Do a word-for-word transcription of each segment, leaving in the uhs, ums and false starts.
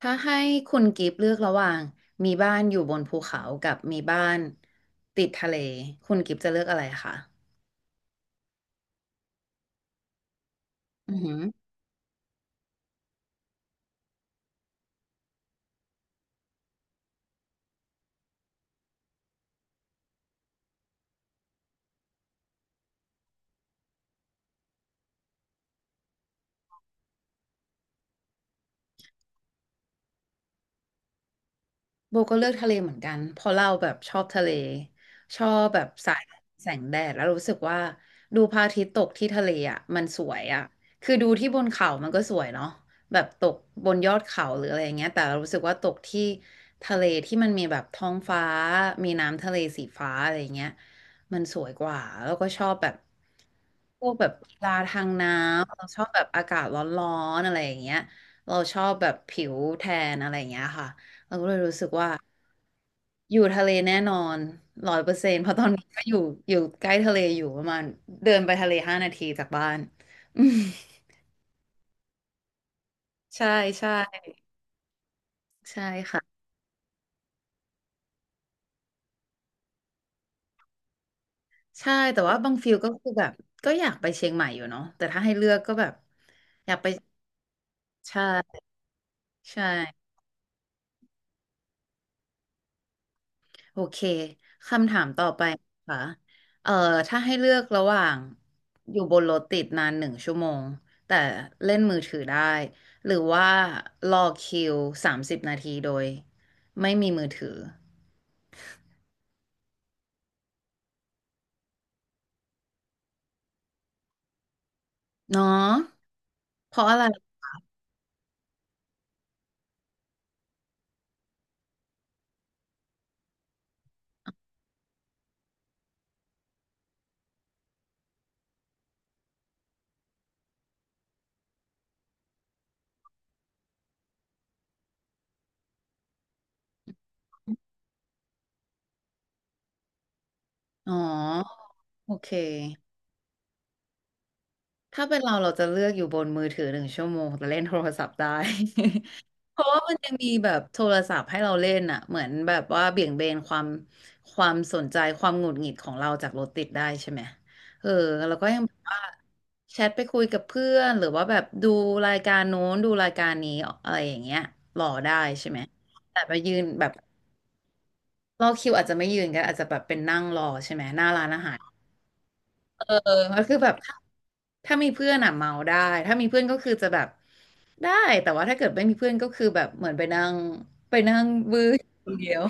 ถ้าให้คุณกิฟต์เลือกระหว่างมีบ้านอยู่บนภูเขากับมีบ้านติดทะเลคุณกิฟต์จะเลือกอะไรคะอือหือ โบก็เลือกทะเลเหมือนกันเพราะเราแบบชอบทะเลชอบแบบสายแสงแดดแล้วรู้สึกว่าดูพระอาทิตย์ตกที่ทะเลอ่ะมันสวยอ่ะคือดูที่บนเขามันก็สวยเนาะแบบตกบนยอดเขาหรืออะไรอย่างเงี้ยแต่เรารู้สึกว่าตกที่ทะเลที่มันมีแบบท้องฟ้ามีน้ำทะเลสีฟ้าอะไรอย่างเงี้ยมันสวยกว่าแล้วก็ชอบแบบพวกแบบกีฬาทางน้ำเราชอบแบบอากาศร้อนๆอะไรอย่างเงี้ยเราชอบแบบผิวแทนอะไรอย่างเงี้ยค่ะ อยู่ทะเลแน่นอนร้อยเปอร์เซ็นต์เพราะตอนนี้ก็อยู่อยู่ใกล้ทะเลอยู่ประมาณเดินไปทะเลห้านาทีจากบ้าน อืมใช่ใช่ใช่ค่ะใช่แต่ว่าบางฟิลก็คือแบบก็อยากไปเชียงใหม่อยู่เนาะแต่ถ้าให้เลือกก็แบบอยากไปใช่ใช่ โอเค คำถามต่อไปค่ะ เอ่อถ้าให้เลือกระหว่างอยู่บนรถติดนานหนึ่งชั่วโมงแต่เล่นมือถือได้ หรือว่ารอคิวสามสิบนาทีโดยไม่มีมือถือเนาะเพราะอะไร อ๋อ โอเค ถ้าเป็นเราเราจะเลือกอยู่บนมือถือหนึ่งชั่วโมงแต่เล่นโทรศัพท์ได้ เพราะว่ามันยังมีแบบโทรศัพท์ให้เราเล่นอ่ะเหมือนแบบว่าเบี่ยงเบนความความสนใจความหงุดหงิดของเราจากรถติดได้ใช่ไหมเออแล้วก็ยังแบบว่าแชทไปคุยกับเพื่อนหรือว่าแบบดูรายการโน้นดูรายการนี้อะไรอย่างเงี้ยรอได้ใช่ไหมแต่ไปยืนแบบรอคิวอาจจะไม่ยืนก็อาจจะแบบเป็นนั่งรอใช่ไหมหน้าร้านอาหาร เออมันคือแบบถ้าถ้ามีเพื่อนอ่ะเมาได้ถ้ามีเพื่อนก็คือจะแบบได้แต่ว่าถ้าเกิดไม่มีเพื่อนก็คือแบบเหมือนไปนั่งไปนั่งวื้อคนเดียว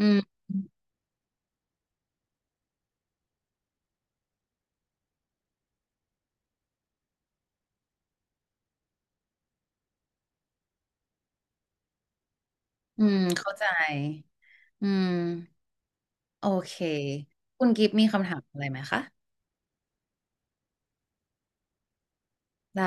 อืมอืมเข้าใจอืมโอเคคุณกิฟต์มีคำถามอะไรไหมคะได้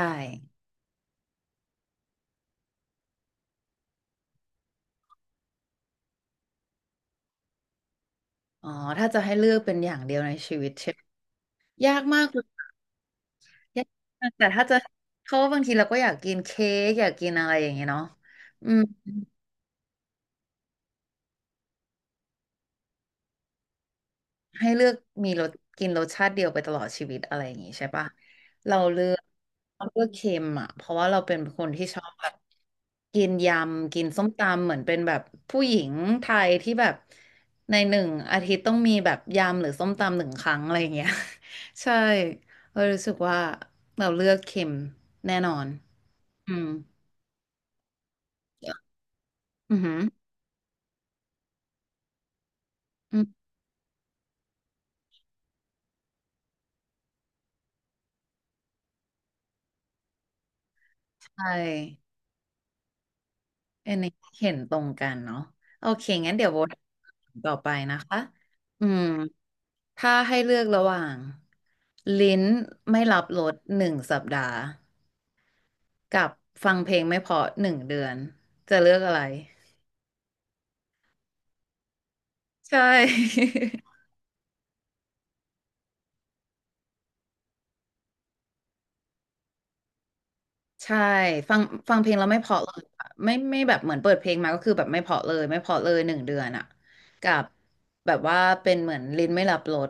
อ๋อถ้าจะให้เลือกเป็นอย่างเดียวในชีวิตใช่ไหมยากมากเลยยากมากแต่ถ้าจะเพราะว่าบางทีเราก็อยากกินเค้กอยากกินอะไรอย่างเงี้ยเนาะอืม ให้เลือกมีรสกินรสชาติเดียวไปตลอดชีวิตอะไรอย่างงี้ใช่ปะเราเลือกเราเลือกเค็มอ่ะเพราะว่าเราเป็นคนที่ชอบแบบกินยำกินส้มตำเหมือนเป็นแบบผู้หญิงไทยที่แบบในหนึ่งอาทิตย์ต้องมีแบบยำหรือส้มตำหนึ่งครั้งอะไรอย่างเงี้ย ใช่เรารู้สึกว่าเราเลือกเค็มแน่นอนอืมอือหืออืมใช่ อันนี้เห็นตรงกันเนาะโอเคงั้นเดี๋ยวโบทต่อไปนะคะอืมถ้าให้เลือกระหว่างลิ้นไม่รับรสหนึ่งสัปดาห์กับฟังเพลงไม่เพราะหนึ่งเดือนจะเลือกอะไรใช่ ใช่ฟังฟังเพลงแล้วไม่เพราะเลยอะไม่ไม่แบบเหมือนเปิดเพลงมาก็คือแบบไม่เพราะเลยไม่เพราะเลยหนึ่งเดือนอะกับแบบว่าเป็นเหมือนลิ้นไม่รับรส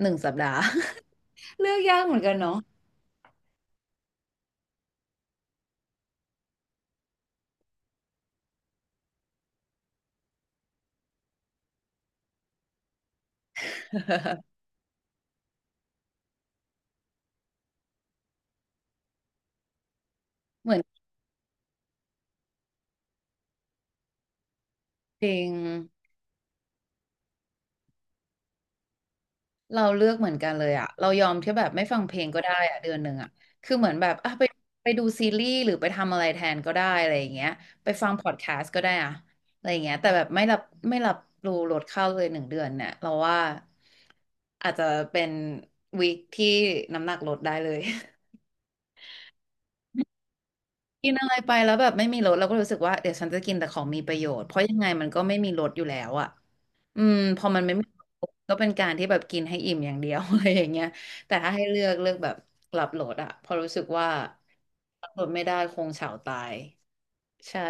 หนึ่งสัปดาห์ เลือกยากเหมือนกันเนาะเหมือนเพลง เราเลือกเหมือนกันเลยอะเรายอมที่แบบไม่ฟังเพลงก็ได้อะเดือนหนึ่งอะคือเหมือนแบบอ่ะไปไปดูซีรีส์หรือไปทำอะไรแทนก็ได้อะไรอย่างเงี้ยไปฟังพอดแคสต์ก็ได้อะอะไรอย่างเงี้ยแต่แบบไม่รับไม่รับรู้ลดข้าวเลยหนึ่งเดือนเนี่ยเราว่าอาจจะเป็นวีคที่น้ำหนักลดได้เลย กินอะไรไปแล้วแบบไม่มีลดเราก็รู้สึกว่าเดี๋ยวฉันจะกินแต่ของมีประโยชน์เพราะยังไงมันก็ไม่มีลดอยู่แล้วอะ อืมพอมันไม่มีก็เป็นการที่แบบกินให้อิ่มอย่างเดียว อะไรอย่างเงี้ยแต่ถ้าให้เลือกเลือกแบบหลับโหลดอะเพอราะรู้สึกว่าหลับโหลดไม่ได้คงเฉาตายใช่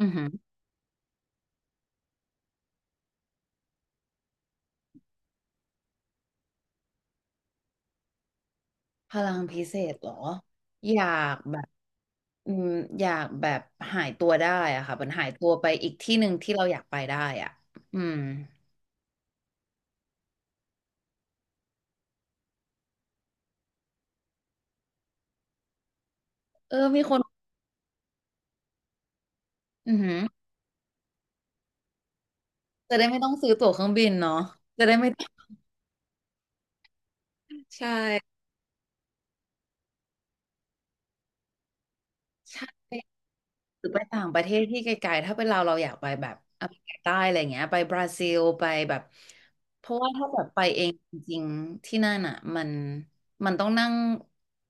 อือหือพลังพิเศษเหรออยากแบบอืมอยากแบบหายตัวได้อะค่ะมันหายตัวไปอีกที่หนึ่งที่เราอยากไปได้อะอืมเออมีคนอือหือจะได้ไม่ต้องซื้อตั๋วเครื่องบินเนาะจะได้ไม่ต้องใช่ใช่ หรือไปต่างประเทศที่ไกลๆถ้าเป็นเราเราอยากไปแบบอเมริกาใต้อะไรเงี้ยไปบราซิลไปแบบเพราะว่าถ้าแบบไปเองจริงๆที่นั่นอ่ะมันมันต้องนั่ง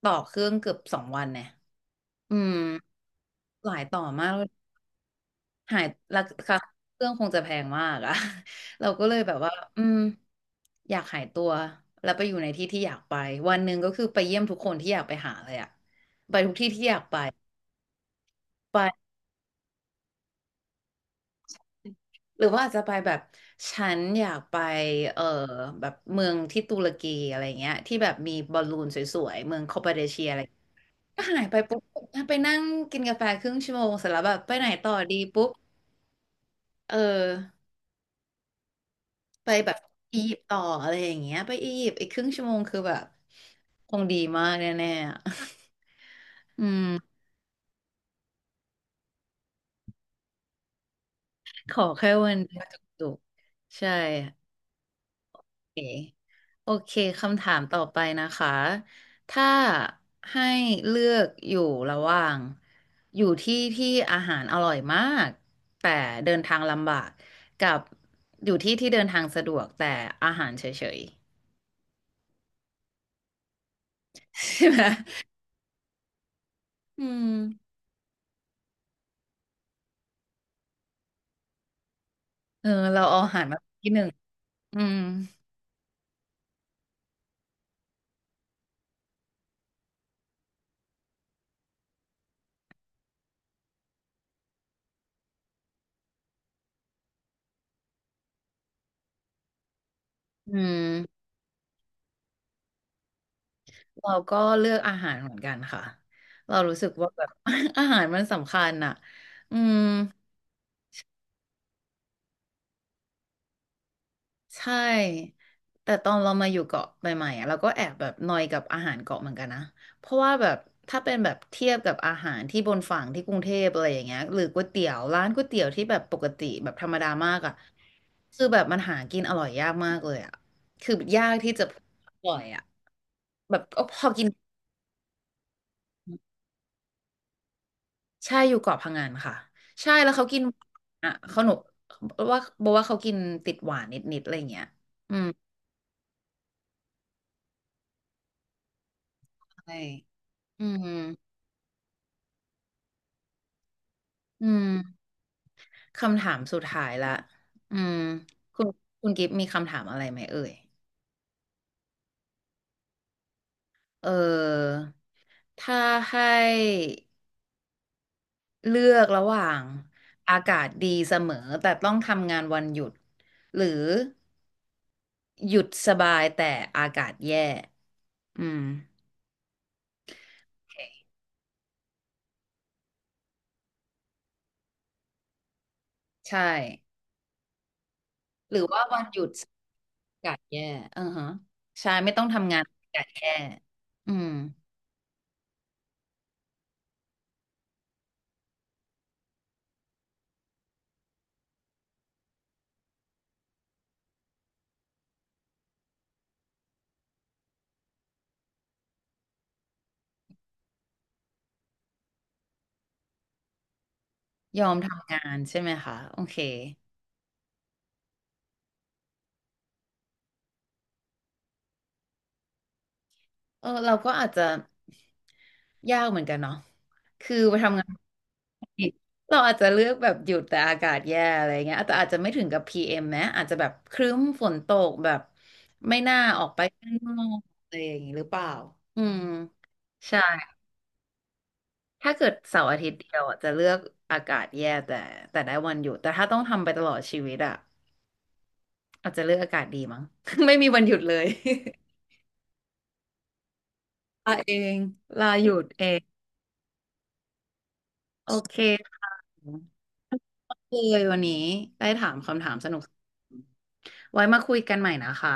ต่อเครื่องเกือบสองวันเนี่ยอืมหลายต่อมากหายราคาเครื่องคงจะแพงมากอะ เราก็เลยแบบว่าอืมอยากหายตัวแล้วไปอยู่ในที่ที่อยากไปวันหนึ่งก็คือไปเยี่ยมทุกคนที่อยากไปหาเลยอะไปทุกที่ที่อยากไปไป หรือว่าอาจจะไปแบบฉันอยากไปเออแบบเมืองที่ตุรกีอะไรเงี้ยที่แบบมีบอลลูนสวยๆเมืองคอปาเดเชียอะไรก็หายไปปุ๊บไปนั่งกินกาแฟครึ่งชั่วโมงเสร็จแล้วแบบไปไหนต่อดีปุ๊บเออไปแบบอียิปต์ต่ออะไรอย่างเงี้ยไปอียิปต์อีกครึ่งชั่วโมงคือแบบคงดีมากแน่ๆอะ อืมขอแค่วันเดียวจุกๆใช่ เคโอเคคำถามต่อไปนะคะถ้าให้เลือกอยู่ระหว่างอยู่ที่ที่อาหารอร่อยมากแต่เดินทางลำบากกับอยู่ที่ที่เดินทางสะดวกแต่อาหารเฉยๆใช่ไหมอืมเออเราเอาอาหารมาที่หนึ่งอืมอืมเราก็เลือกอาหารเหมือนกันค่ะเรารู้สึกว่าแบบ อาหารมันสำคัญอ่ะอืม ใช่ แต่ตอนเรามาอยู่เกาะใหม่ๆอะเราก็แอบแบบนอยกับอาหารเกาะเหมือนกันนะเพราะว่าแบบถ้าเป็นแบบเทียบกับอาหารที่บนฝั่งที่กรุงเทพอะไรอย่างเงี้ยหรือก๋วยเตี๋ยวร้านก๋วยเตี๋ยวที่แบบปกติแบบธรรมดามากอ่ะคือแบบมันหากินอร่อยยากมากเลยอ่ะคือยากที่จะอร่อยอ่ะแบบก็พอกินใช่อยู่เกาะพังงานค่ะใช่แล้วเขากินอ่ะเขาหนุว่าบอกว่าเขากินติดหวานนิดๆอะไรอย่างเงี้ยอืมใช่อืมอืม คำถามสุดท้ายละอืมคุณคุณกิฟต์มีคำถามอะไรไหมเอ่ยเออถ้าให้เลือกระหว่างอากาศดีเสมอแต่ต้องทำงานวันหยุดหรือหยุดสบายแต่อากาศแย่อืมใช่หรือว่าวันหยุดอากาศแย่อือฮะใช่ไม่ต้องทำงานอากาศแย่อืมยอมทำงานใช่ไหมคะโอเค เออเราก็อาจจะยากเหมือนกันเนาะคือไปทำงานปกติเราอาจจะเลือกแบบหยุดแต่อากาศแย่อะไรเงี้ยแต่อาจจะไม่ถึงกับพีเอ็มนะอาจจะแบบครึ้มฝนตกแบบไม่น่าออกไปข้างนอกอะไรอย่างนี้หรือเปล่าอืมใช่ถ้าเกิดเสาร์อาทิตย์เดียวอะจะเลือกอากาศแย่แต่แต่ได้วันหยุดแต่ถ้าต้องทำไปตลอดชีวิตอ่ะอาจจะเลือกอากาศดีมั้ง ไม่มีวันหยุดเลย ลาเองลาหยุดเองโอเค เลยวันนี้ได้ถามคำถามสนุกไว้มาคุยกันใหม่นะคะ